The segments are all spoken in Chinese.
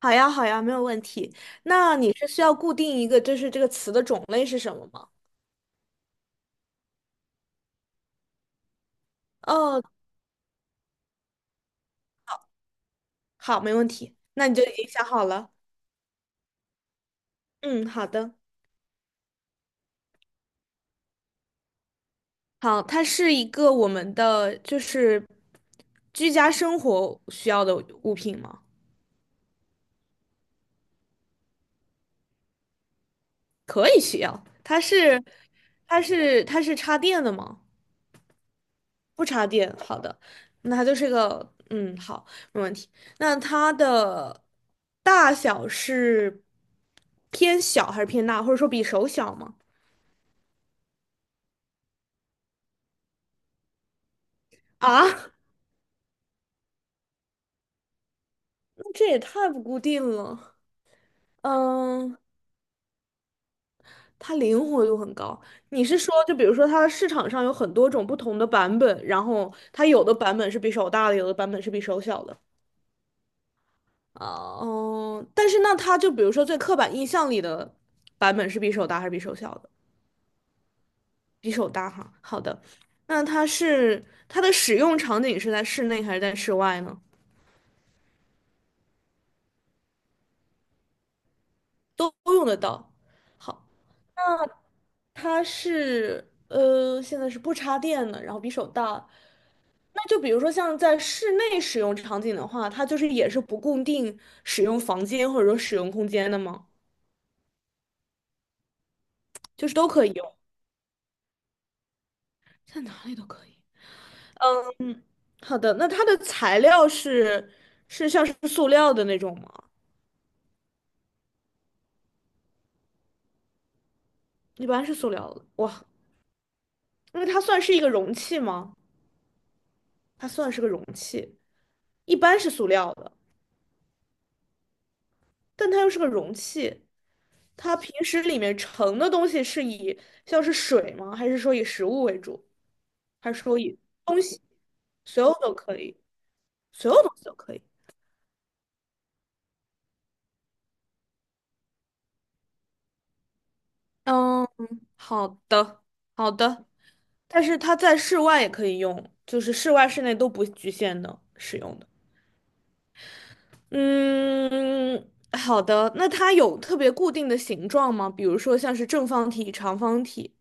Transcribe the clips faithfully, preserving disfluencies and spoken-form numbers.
好呀，好呀，没有问题。那你是需要固定一个，就是这个词的种类是什么吗？哦，好，没问题。那你就已经想好了。嗯，好的。好，它是一个我们的就是居家生活需要的物品吗？可以需要。它是，它是，它是插电的吗？不插电，好的，那它就是个，嗯，好，没问题。那它的大小是偏小还是偏大，或者说比手小吗？啊，那这也太不固定了。嗯，它灵活度很高。你是说，就比如说，它市场上有很多种不同的版本，然后它有的版本是比手大的，有的版本是比手小的。啊，嗯，但是那它就比如说最刻板印象里的版本是比手大还是比手小的？比手大哈。好的，那它是它的使用场景是在室内还是在室外呢？都都用得到。好，它是呃，现在是不插电的，然后比手大。那就比如说像在室内使用场景的话，它就是也是不固定使用房间或者说使用空间的吗？就是都可以用，在哪里都可以。嗯，好的，那它的材料是是像是塑料的那种吗？一般是塑料的。哇，因为它算是一个容器吗？它算是个容器，一般是塑料的，但它又是个容器。它平时里面盛的东西是以像是水吗？还是说以食物为主？还是说以东西，所有都可以，所有东西都可以。嗯，好的，好的。但是它在室外也可以用，就是室外、室内都不局限的使用的。嗯，好的。那它有特别固定的形状吗？比如说像是正方体、长方体，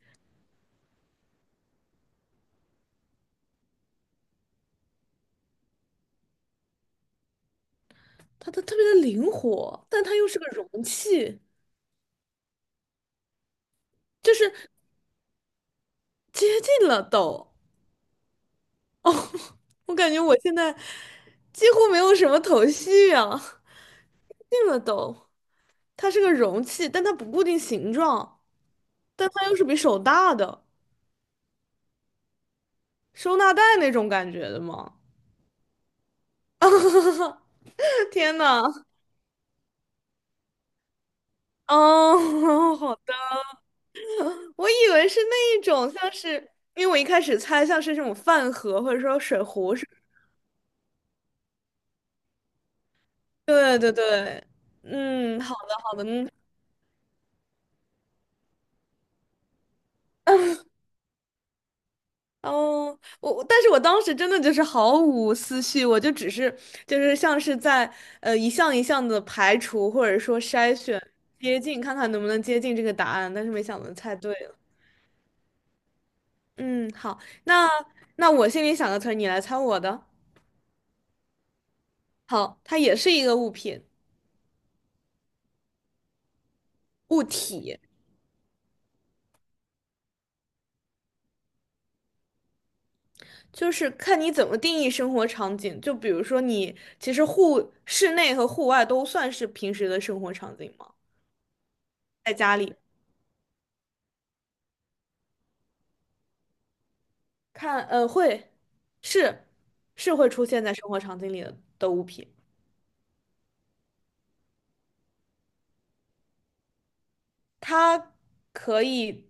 它它特别的灵活，但它又是个容器，就是接近了都。我感觉我现在几乎没有什么头绪啊，接近了都。它是个容器，但它不固定形状，但它又是比手大的，收纳袋那种感觉的嘛。天呐，哦，好的，我以为是那一种，像是因为我一开始猜像是这种饭盒或者说水壶是，对对对，嗯，好的好的，嗯，哦，我我但是我当时真的就是毫无思绪，我就只是就是像是在呃一项一项的排除或者说筛选接近，看看能不能接近这个答案，但是没想到猜对了。嗯，好，那那我心里想个词儿，你来猜我的。好，它也是一个物品物体，就是看你怎么定义生活场景。就比如说你其实户室内和户外都算是平时的生活场景吗？在家里。看，呃，会，是是会出现在生活场景里的的物品，它可以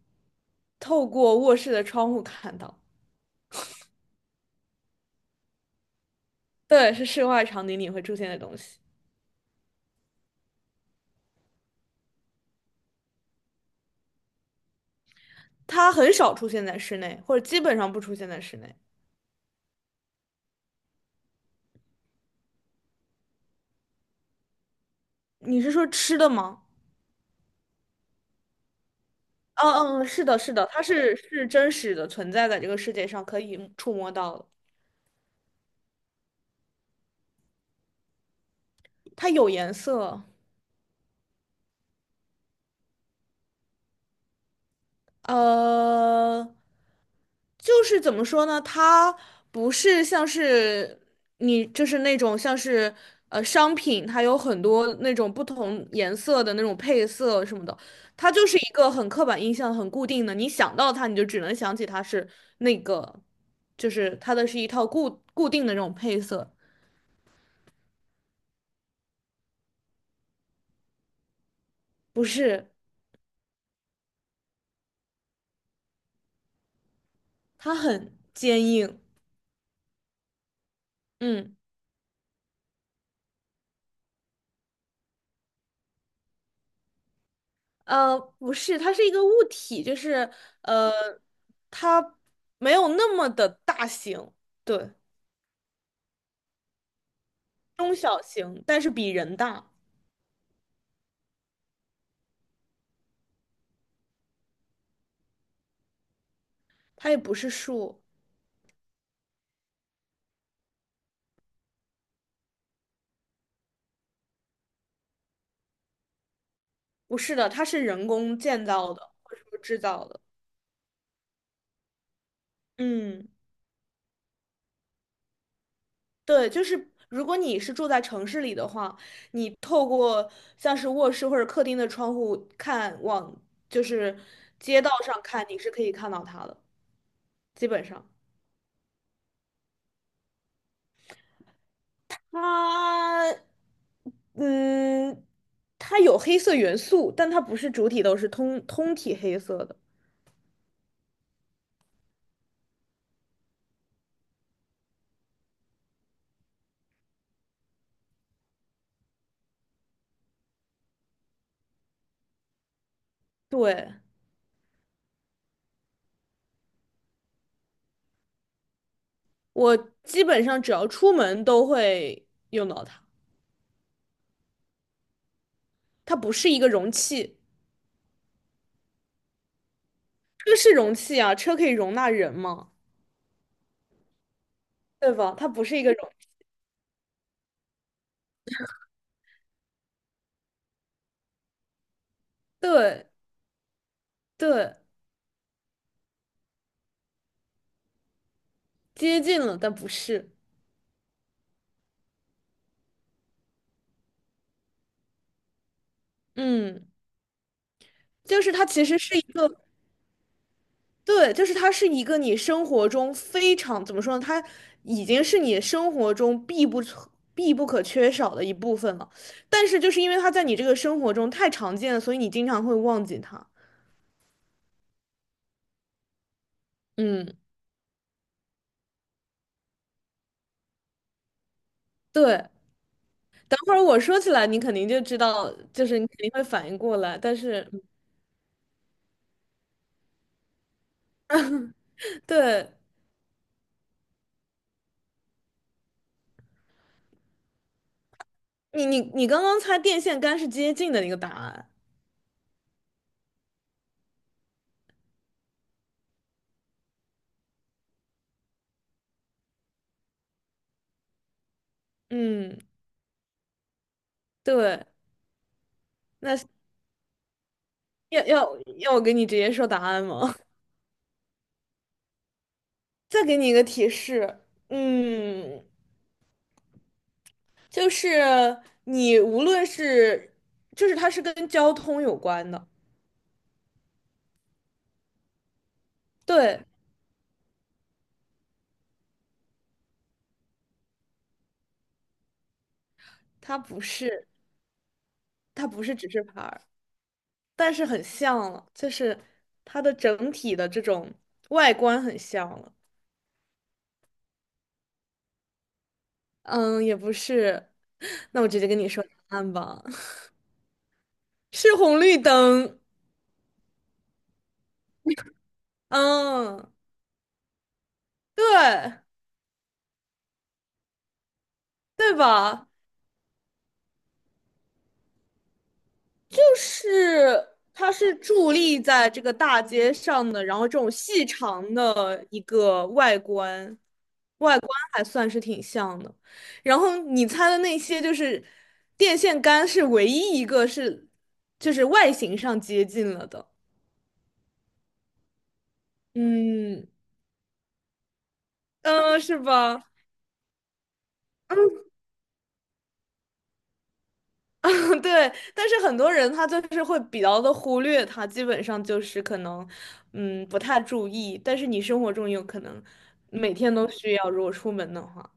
透过卧室的窗户看到。对，是室外场景里会出现的东西，它很少出现在室内，或者基本上不出现在室内。你是说吃的吗？嗯嗯，嗯是的，是的，它是是真实的存在在这个世界上，可以触摸到的。它有颜色，呃，就是怎么说呢？它不是像是你，就是那种像是呃商品，它有很多那种不同颜色的那种配色什么的，它就是一个很刻板印象、很固定的。你想到它，你就只能想起它是那个，就是它的是一套固固定的那种配色，不是，它很坚硬。嗯。呃，不是，它是一个物体，就是呃，它没有那么的大型，对，中小型，但是比人大。它也不是树，不是的，它是人工建造的或者说制造的。嗯，对，就是如果你是住在城市里的话，你透过像是卧室或者客厅的窗户看往，就是街道上看，你是可以看到它的，基本上。它，嗯，它有黑色元素，但它不是主体都是通通体黑色的。对，我基本上只要出门都会用到它。它不是一个容器，车是容器啊，车可以容纳人嘛，对吧？它不是一个容，对对，接近了，但不是。嗯，就是它其实是一个对，就是它是一个你生活中非常，怎么说呢？它已经是你生活中必不可必不可缺少的一部分了。但是就是因为它在你这个生活中太常见了，所以你经常会忘记它。嗯，对。等会儿我说起来，你肯定就知道，就是你肯定会反应过来。但是，对你，你你刚刚猜电线杆是接近的那个答案。嗯，对。那要要要我给你直接说答案吗？再给你一个提示。嗯。就是你无论是，就是它是跟交通有关的，对，它不是，它不是指示牌儿，但是很像了，就是它的整体的这种外观很像了。嗯，也不是，那我直接跟你说答案吧，是红绿灯。嗯，对，对吧？就是它是伫立在这个大街上的，然后这种细长的一个外观，外观还算是挺像的。然后你猜的那些就是电线杆是唯一一个是就是外形上接近了的，嗯嗯，呃是吧？对，但是很多人他就是会比较的忽略它，基本上就是可能，嗯，不太注意。但是你生活中有可能每天都需要，如果出门的话。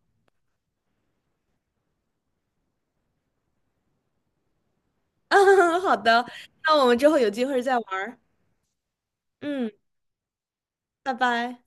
好的，那我们之后有机会再玩儿。嗯，拜拜。